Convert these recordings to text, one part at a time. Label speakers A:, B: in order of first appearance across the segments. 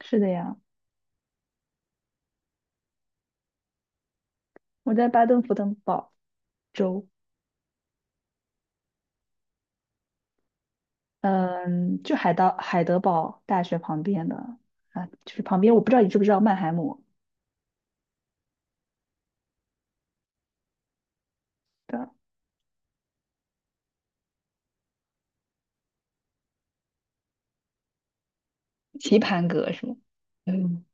A: 是的呀，我在巴登符登堡州，嗯，就到海德堡大学旁边的啊，就是旁边，我不知道你知不知道曼海姆的棋盘格是吗？嗯，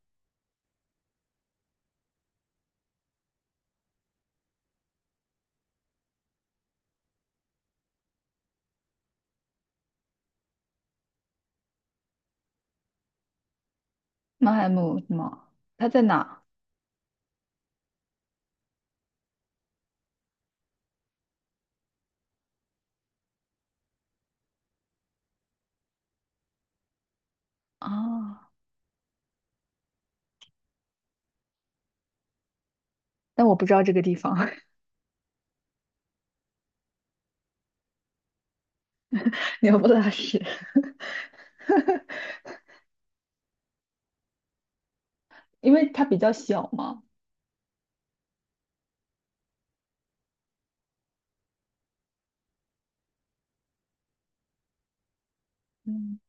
A: 曼海姆什么？它在哪啊？但我不知道这个地方，鸟不拉屎，因为它比较小嘛。嗯，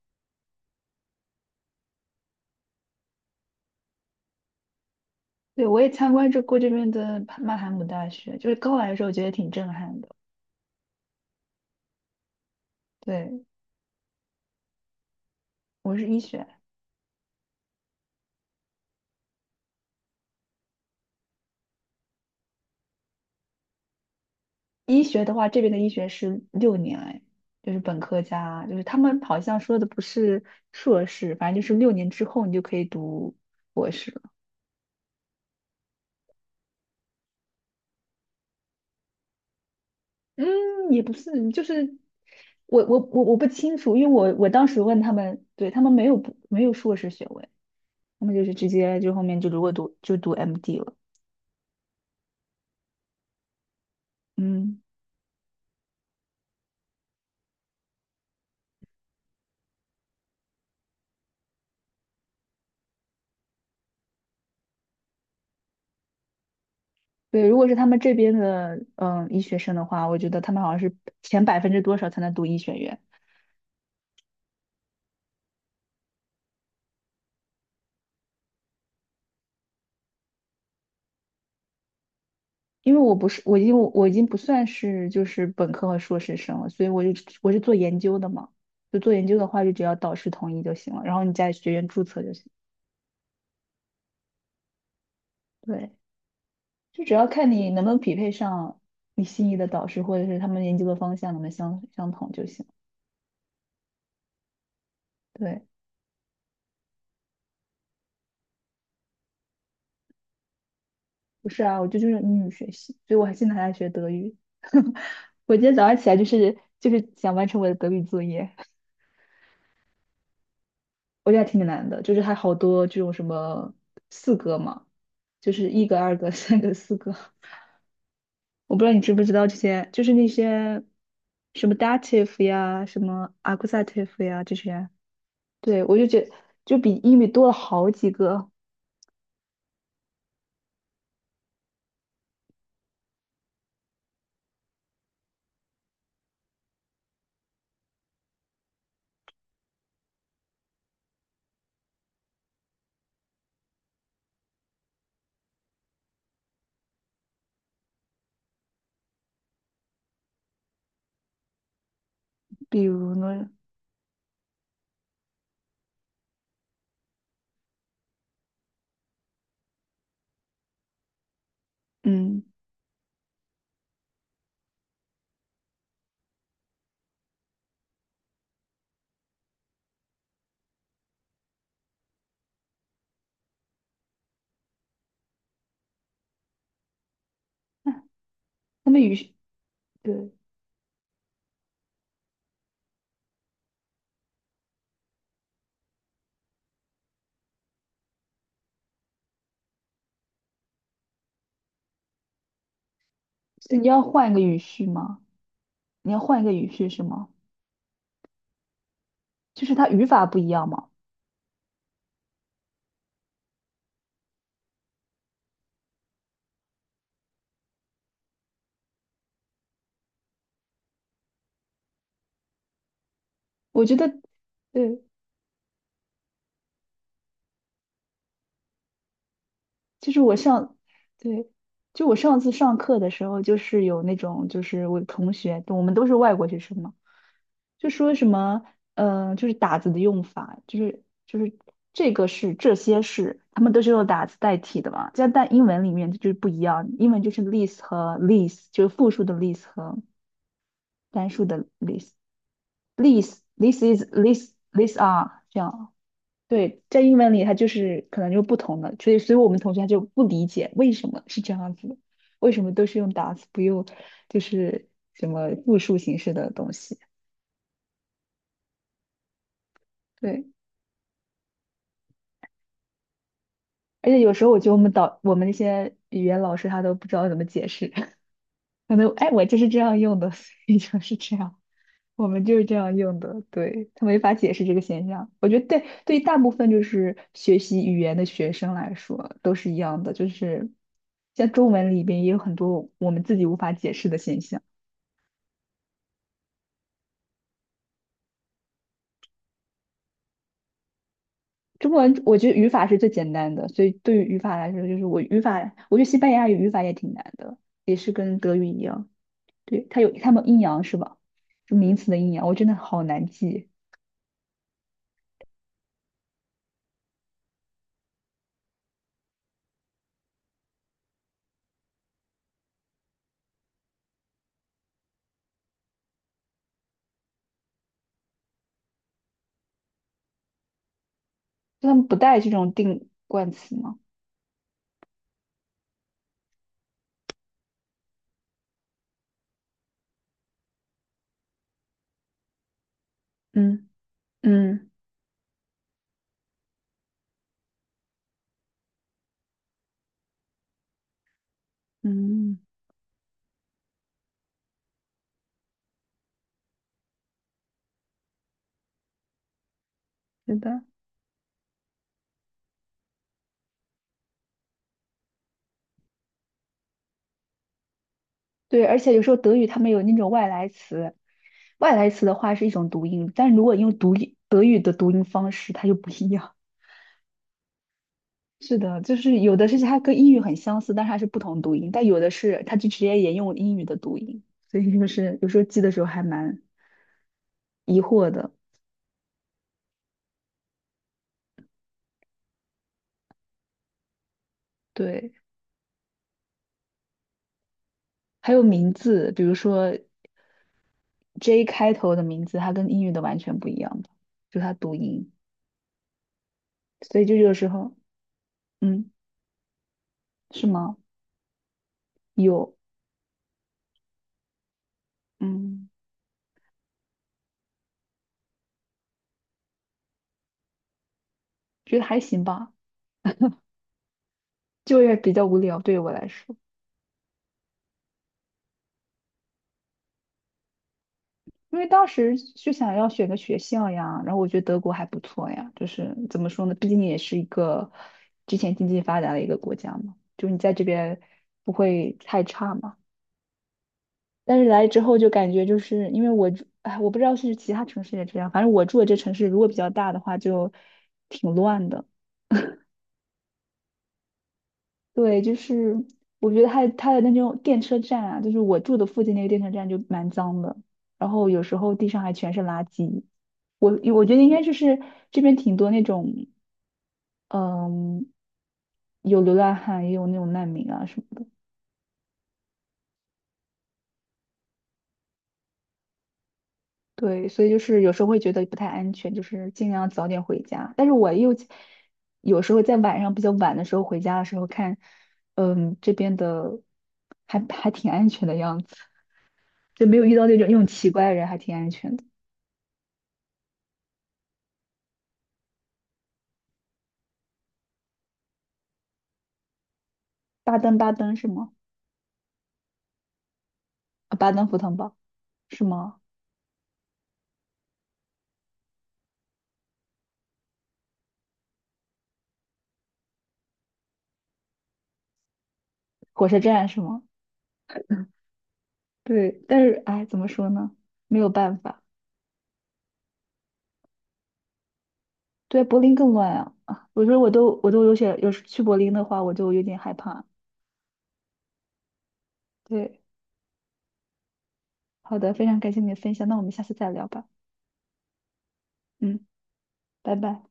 A: 对，我也参观这过这边的曼海姆大学，就是刚来的时候觉得挺震撼的。对，我是医学。医学的话，这边的医学是六年，哎，就是本科加，就是他们好像说的不是硕士，反正就是六年之后你就可以读博士了。嗯，也不是，就是我不清楚，因为我当时问他们，对他们没有硕士学位，他们就是直接就后面就如果读就读 MD 了。嗯，对，如果是他们这边的医学生的话，我觉得他们好像是前百分之多少才能读医学院，因为我不是，我已经不算是就是本科和硕士生了，所以我是做研究的嘛，就做研究的话，就只要导师同意就行了，然后你在学院注册就行。对，就只要看你能不能匹配上你心仪的导师，或者是他们研究的方向能不能相同就行。对，不是啊，我就是英语学习，所以我还现在还在学德语。我今天早上起来就是想完成我的德语作业。我觉得还挺难的，就是还好多这种什么四格嘛，就是一格、二格、三格、四格，我不知道你知不知道这些，就是那些什么 dative 呀、什么 accusative 呀这些，对我就觉得就比英语多了好几个，比如呢，嗯，哎他们语序，对，所以你要换一个语序吗？你要换一个语序是吗？就是它语法不一样嘛，我觉得，对。就是我上，对，就我上次上课的时候，就是有那种，就是我的同学，我们都是外国学生嘛，就说什么，就是打字的用法，就是这些是，他们都是用打字代替的嘛，这样但英文里面就是不一样，英文就是 l i s t 和 l i s t 就是复数的 l i s t 和单数的 l i s t l i s this is this this are 这样。对，在英文里它就是可能就不同的，所以我们同学他就不理解为什么是这样子的，为什么都是用 does 不用就是什么复数形式的东西。对，而且有时候我觉得我们那些语言老师他都不知道怎么解释，可能哎我就是这样用的，所以就是这样。我们就是这样用的，对，他没法解释这个现象。我觉得对，对于大部分就是学习语言的学生来说都是一样的，就是像中文里边也有很多我们自己无法解释的现象。中文我觉得语法是最简单的，所以对于语法来说，就是我语法，我觉得西班牙语语法也挺难的，也是跟德语一样，对，它有它们阴阳是吧？就名词的阴阳，我真的好难记，就他们不带这种定冠词吗？嗯嗯嗯，嗯是的。对，而且有时候德语他们有那种外来词，外来词的话是一种读音，但如果用读音德语的读音方式，它就不一样。是的，就是有的是它跟英语很相似，但是它是不同读音，但有的是它就直接沿用英语的读音，所以就是有时候记的时候还蛮疑惑的。对，还有名字，比如说 J 开头的名字，它跟英语的完全不一样的，就它读音，所以就有时候，嗯，是吗？有，嗯，觉得还行吧。就业比较无聊，对于我来说，因为当时就想要选个学校呀，然后我觉得德国还不错呀，就是怎么说呢，毕竟也是一个之前经济发达的一个国家嘛，就是你在这边不会太差嘛。但是来之后就感觉就是因为我住，哎，我不知道是其他城市也这样，反正我住的这城市如果比较大的话就挺乱的。对，就是我觉得它的那种电车站啊，就是我住的附近那个电车站就蛮脏的，然后有时候地上还全是垃圾。我觉得应该就是这边挺多那种，嗯，有流浪汉，也有那种难民啊什么的。对，所以就是有时候会觉得不太安全，就是尽量早点回家。但是我又有时候在晚上比较晚的时候回家的时候看，这边的还挺安全的样子，就没有遇到那种奇怪的人，还挺安全的。巴登巴登是吗？啊，巴登符腾堡是吗？火车站是吗？对，但是哎，怎么说呢？没有办法，对，柏林更乱啊！啊，我说我都有些，有时去柏林的话，我就有点害怕。对，好的，非常感谢你的分享，那我们下次再聊吧。嗯，拜拜。